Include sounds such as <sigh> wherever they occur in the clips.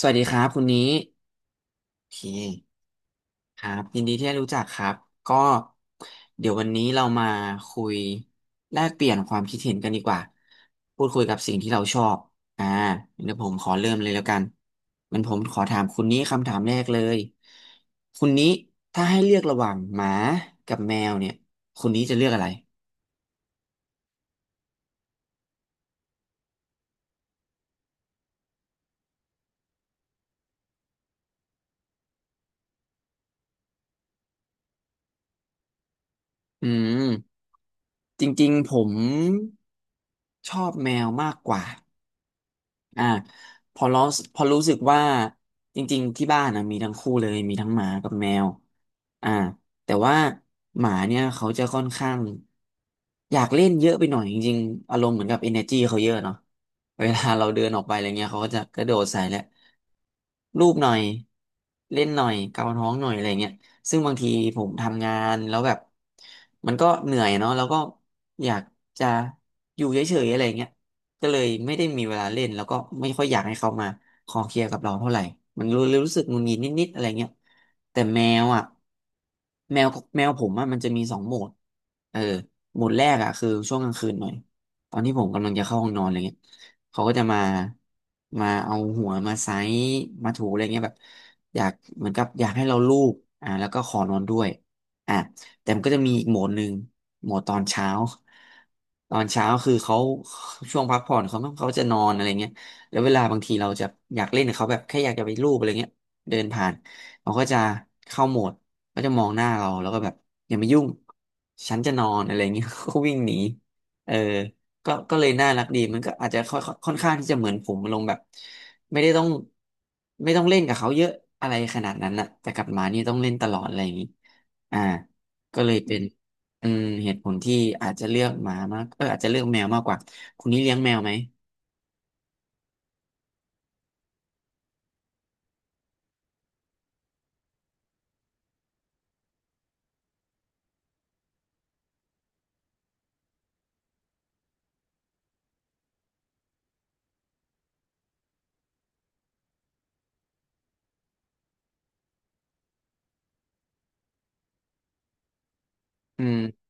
สวัสดีครับคุณนี้โอเคครับยินดีที่ได้รู้จักครับก็เดี๋ยววันนี้เรามาคุยแลกเปลี่ยนความคิดเห็นกันดีกว่าพูดคุยกับสิ่งที่เราชอบอ่าเดี๋ยวผมขอเริ่มเลยแล้วกันมันผมขอถามคุณนี้คำถามแรกเลยคุณนี้ถ้าให้เลือกระหว่างหมากับแมวเนี่ยคุณนี้จะเลือกอะไรอืมจริงๆผมชอบแมวมากกว่า อ่าพอรู้พอรู้สึกว่าจริงๆที่บ้านนะมีทั้งคู่เลยมีทั้งหมากับแมวอ่าแต่ว่าหมาเนี่ยเขาจะค่อนข้างอยากเล่นเยอะไปหน่อยจริงๆอารมณ์เหมือนกับ energy เขาเยอะเนาะเวลาเราเดินออกไปอะไรเงี้ยเขาก็จะกระโดดใส่แหละรูปหน่อยเล่นหน่อยเกาท้องหน่อยอะไรเงี้ยซึ่งบางทีผมทำงานแล้วแบบมันก็เหนื่อยเนาะแล้วก็อยากจะอยู่เฉยๆอะไรเงี้ย ก็เลยไม่ได้มีเวลาเล่นแล้วก็ไม่ค่อยอยากให้เขามาคอเคลียร์กับเราเท่าไหร่ มันรู้เลยรู้สึกหงุนหงิดนิดๆอะไรเงี้ยแต่แมวอ่ะแมวแมวผมอ่ะมันจะมีสองโหมดเออโหมดแรกอ่ะคือช่วงกลางคืนหน่อยตอนที่ผมกำลังจะเข้าห้องนอนอะไรเงี้ยเขาก็จะมามาเอาหัวมาไซส์มาถูอะไรเงี้ยแบบอยากเหมือนกับอยากให้เราลูบแล้วก็ขอนอนด้วยอ่ะ แต่มันก็จะมีอีกโหมดหนึ่งโหมดตอนเช้าตอนเช้าคือเขาช่วงพักผ่อนเขาจะนอนอะไรเงี้ยแล้วเวลาบางทีเราจะอยากเล่นกับเขาแบบแค่อยากจะไปรูปอะไรเงี้ยเดินผ่านเขาก็จะเข้าโหมดก็จะมองหน้าเราแล้วก็แบบอย่ามายุ่งฉันจะนอนอะไรเงี้ย <laughs> ก็วิ่งหนีเออก็เลยน่ารักดีมันก็อาจจะค่อยค่อนข้างที่จะเหมือนผมลงแบบไม่ได้ต้องไม่ต้องเล่นกับเขาเยอะอะไรขนาดนั้นนะแต่กับหมานี่ต้องเล่นตลอดอะไรอย่างนี้อ่า ก็เลยเป็นอืมเหตุผลที่อาจจะเลือกหมามากเอออาจจะเลือกแมวมากกว่าคุณนี่เลี้ยงแมวไหมอืม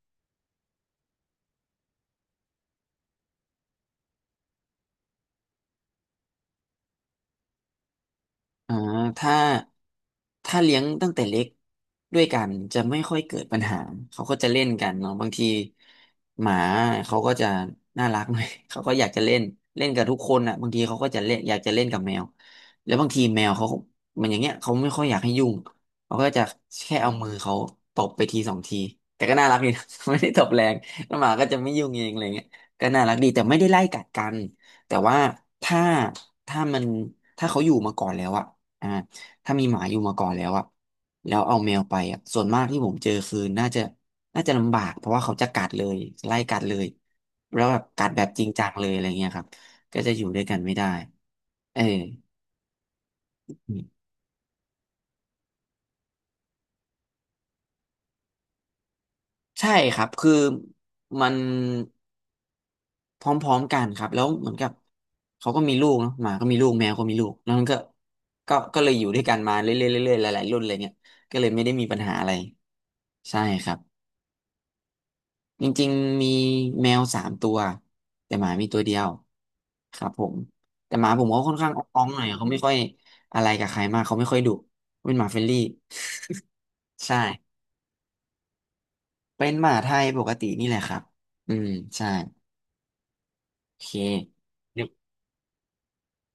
อ่าถ้าถ้าเลี้ยงตั้งแต่เล็กด้วยกันจะไม่ค่อยเกิดปัญหาเขาก็จะเล่นกันเนาะบางทีหมาเขาก็จะน่ารักหน่อย <laughs> เขาก็อยากจะเล่นเล่นกับทุกคนอ่ะบางทีเขาก็จะเล่นอยากจะเล่นกับแมวแล้วบางทีแมวเขามันอย่างเงี้ยเขาไม่ค่อยอยากให้ยุ่งเขาก็จะแค่เอามือเขาตบไปทีสองทีแต่ก็น่ารักดีนะ <laughs> ไม่ได้ตบแรงแล้วหมาก็จะไม่ยุ่งเองอะไรเงี้ยก็น่ารักดีแต่ไม่ได้ไล่กัดกันแต่ว่าถ้าถ้ามันถ้าเขาอยู่มาก่อนแล้วอะ อ่าถ้ามีหมาอยู่มาก่อนแล้วอ่ะแล้วเอาแมวไปอ่ะส่วนมากที่ผมเจอคือน่าจะลำบากเพราะว่าเขาจะกัดเลยไล่กัดเลยแล้วแบบกัดแบบจริงจังเลยอะไรเงี้ยครับก็จะอยู่ด้วยกันไม่ได้เออใช่ครับคือมันพร้อมๆกันครับแล้วเหมือนกับเขาก็มีลูกเนาะหมาก็มีลูกแมวก็มีลูกแล้วมันก็ก็เลยอยู่ด้วยกันมาเรื่อยๆเรื่อยๆหลายๆรุ่นเลยเนี่ยก็เลยไม่ได้มีปัญหาอะไรใช่ครับ จริงๆมีแมวสามตัวแต่หมามีตัวเดียวครับผมแต่หมาผมก็ค่อนข้างอ้องๆหน่อยเขาไม่ค่อยอะไรกับใครมากเขาไม่ค่อยดุเป็นหมาเฟรนลี่ใช่เป็นหมาไทยปกตินี่แหละครับอืมใช่โอเค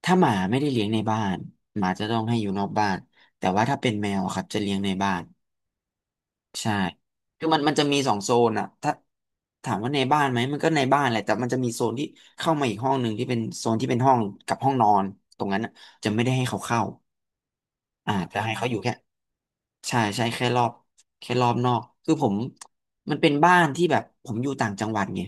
ถ้าหมาไม่ได้เลี้ยงในบ้านหมาจะต้องให้อยู่นอกบ้านแต่ว่าถ้าเป็นแมวอะครับจะเลี้ยงในบ้าน ใช่คือมันจะมีสองโซนอะถ้าถามว่าในบ้านไหม มันก็ในบ้านแหละแต่มันจะมีโซนที่เข้ามาอีกห้องหนึ่งที่เป็นโซนที่เป็นห้องกับห้องนอน ตรงนั้นอะจะไม่ได้ให้เขาเข้าจะให้เขาอยู่แค่ใช่ใช่แค่รอบแค่รอบนอกคือผมมันเป็นบ้านที่แบบผมอยู่ต่างจังหวัดไง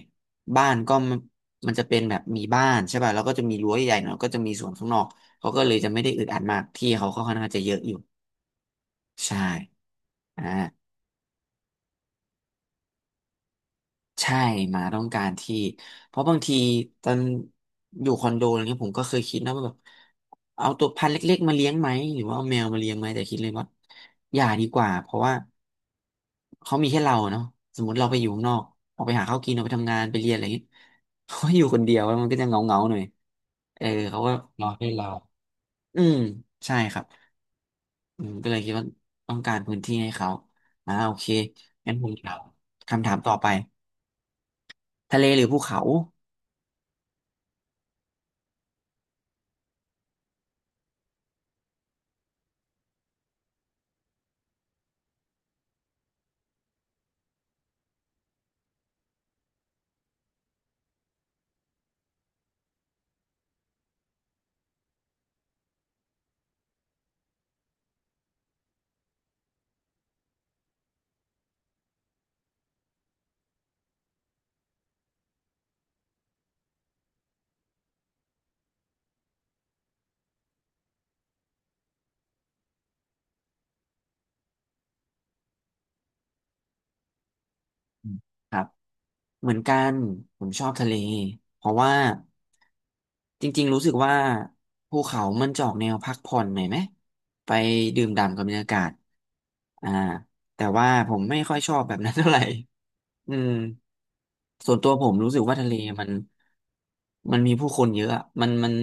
บ้านก็มันมันจะเป็นแบบมีบ้านใช่ป่ะแล้วก็จะมีรั้วใหญ่หน่อยก็จะมีสวนข้างนอกเขาก็เลยจะไม่ได้อึดอัดมากที่เขาก็ค่อนข้างจะเยอะอยู่ใช่อ่า ใช่หมาต้องการที่เพราะบางทีตอนอยู่คอนโดอะไรเงี้ยผมก็เคยคิดนะว่าแบบเอาตัวพันธุ์เล็กๆมาเลี้ยงไหมหรือว่าเอาแมวมาเลี้ยงไหมแต่คิดเลยว่าอย่าดีกว่าเพราะว่าเขามีแค่เราเนาะสมมติเราไปอยู่ข้างนอกออกไปหาข้าวกินออกไปทำงานไปเรียนอะไรเงี้ย <laughs> เขาก็อยู่คนเดียวแล้วมันก็จะเงาเงาหน่อยเออเขาก็นอให้เราอืมใช่ครับอืมก็เลยคิดว่าต้องการพื้นที่ให้เขาอ่าโอเคงั้นผมถามคำถามต่อไปทะเลหรือภูเขา ครับเหมือนกันผมชอบทะเลเพราะว่าจริงๆรู้สึกว่าภูเขามันจะออกแนวพักผ่อนหน่อยไหมไปดื่มด่ำกับบรรยากาศอ่าแต่ว่าผมไม่ค่อยชอบแบบนั้นเท่าไหร่ <laughs> อืมส่วนตัวผมรู้สึกว่าทะเลมันมันมีผู้คนเยอะอะมัน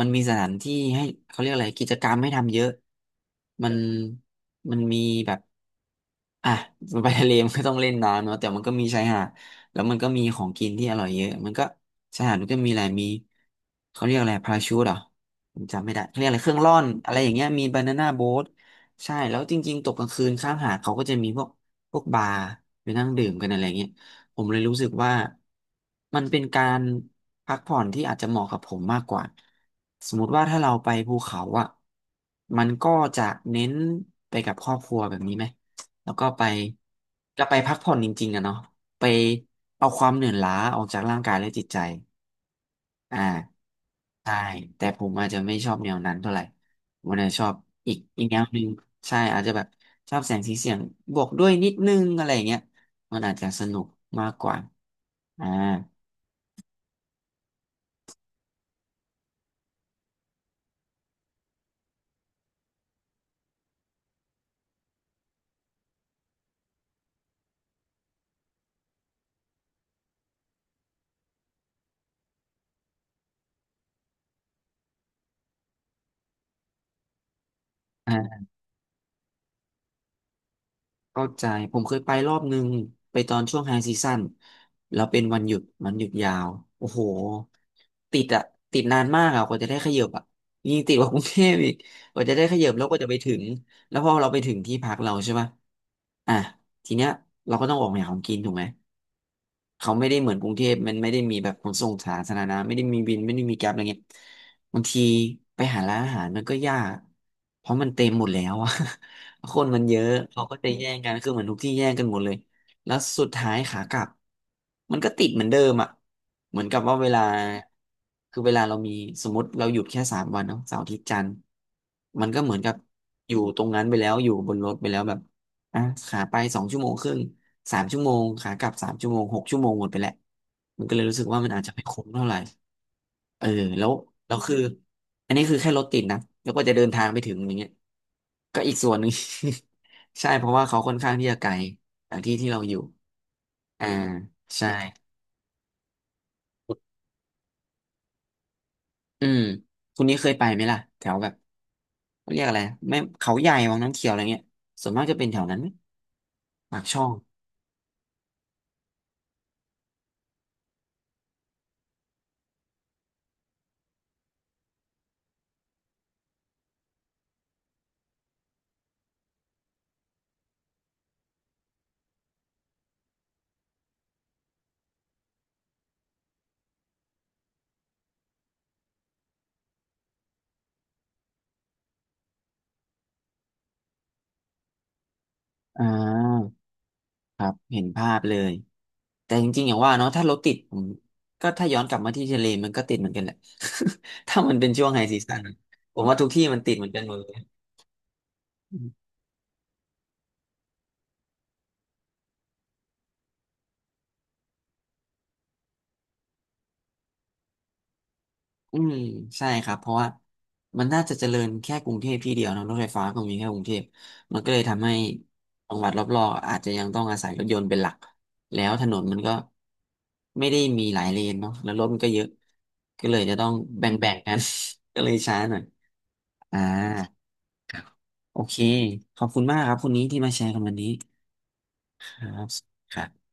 มันมีสถานที่ให้เขาเรียกอะไรกิจกรรมให้ทำเยอะมันมันมีแบบ อ่ะไปทะเลมันก็ต้องเล่นน้ำเนาะแต่มันก็มีชายหาดแล้วมันก็มีของกินที่อร่อยเยอะมันก็ชายหาดมันก็มีอะไรมีเขาเรียกอะไรพาราชูทเหรอผมจำไม่ได้เขาเรียกอะไรเครื่องร่อนอะไรอย่างเงี้ยมีบานาน่าโบ๊ทใช่แล้วจริงๆตกกลางคืนข้างหาดเขาก็จะมีพวกบาร์ไปนั่งดื่มกันอะไรเงี้ยผมเลยรู้สึกว่ามันเป็นการพักผ่อนที่อาจจะเหมาะกับผมมากกว่าสมมติว่าถ้าเราไปภูเขาอ่ะมันก็จะเน้นไปกับครอบครัวแบบนี้ไหม แล้วก็ไปจะไปพักผ่อนจริงๆอะเนาะไปเอาความเหนื่อยล้าออกจากร่างกายและจิตใจอ่าใช่แต่ผมอาจจะไม่ชอบแนวนั้นเท่าไหร่ผมอาจจะชอบอีกแนวหนึ่งใช่อาจจะแบบชอบแสงสีเสียงบวกด้วยนิดนึงอะไรอย่างเงี้ยมันอาจจะสนุกมากกว่าอ่า เข้าใจผมเคยไปรอบนึงไปตอนช่วงไฮซีซั่นแล้วเป็นวันหยุดมันหยุดยาวโอ้โหติดอะติดนานมากอะกว่าจะได้ขยับอะยิ่งติดกว่ากรุงเทพอีกกว่าจะได้ขยับแล้วกว่าจะไปถึงแล้วพอเราไปถึงที่พักเราใช่ปะอ่ะทีเนี้ยเราก็ต้องออกไปหาของกินถูกไหม เขาไม่ได้เหมือนกรุงเทพมันไม่ได้มีแบบขนส่งสาธารณะไม่ได้มีวินไม่ได้มีแกร็บอะไรเงี้ยบางทีไปหาร้านอาหารมันก็ยากเพราะมันเต็มหมดแล้วอะ <laughs> คนมันเยอะเขาก็จะแย่งกันคือเหมือนทุกที่แย่งกันหมดเลยแล้วสุดท้ายขากลับมันก็ติดเหมือนเดิมอะเหมือนกับว่าเวลาคือเวลาเรามีสมมติเราหยุดแค่สามวันเนาะเสาร์อาทิตย์จันทร์มันก็เหมือนกับอยู่ตรงนั้นไปแล้วอยู่บนรถไปแล้วแบบ อ่ะขาไปสองชั่วโมงครึ่งสามชั่วโมงขากลับสามชั่วโมงหกชั่วโมงหมดไปแหล้วมันก็เลยรู้สึกว่ามันอาจจะไม่คุ้มเท่าไหร่เออแล้วแล้วคืออันนี้คือแค่รถติดนะแล้วก็จะเดินทางไปถึงอย่างเงี้ยก็อีกส่วนหนึ่ง <laughs> ใช่เพราะว่าเขาค่อนข้างที่จะไกลจากที่ที่เราอยู่อ่าใช่อืมคุณนี้เคยไปไหมล่ะแถวแบบเขาเรียกอะไรแม่เขาใหญ่วังน้ำเขียวอะไรเงี้ยส่วนมากจะเป็นแถวนั้นไหมปากช่องอ่าครับเห็นภาพเลย แต่จริงๆอย่างว่าเนาะถ้ารถติดผมก็ถ้าย้อนกลับมาที่ทะเลมันก็ติดเหมือนกันแหละ <laughs> ถ้ามันเป็นช่วงไฮซีซั่นผมว่าทุกที่มันติดเหมือนกันหมดเลยอืมใช่ครับเพราะว่ามันน่าจะเจริญแค่กรุงเทพที่เดียวเนอะรถไฟฟ้าก็มีแค่กรุงเทพมันก็เลยทำให้จังหวัดรอบๆอาจจะยังต้องอาศัยรถยนต์เป็นหลักแล้วถนนมันก็ไม่ได้มีหลายเลนเนาะแล้วรถมันก็เยอะก็เลยจะต้องแบ่งๆกัน <laughs> ก็เลยช้าหน่อยอ่า ครับโอเค ขอบคุณมากครับคุณนี้ที่มาแชร์กันวันนี้ ครับครับ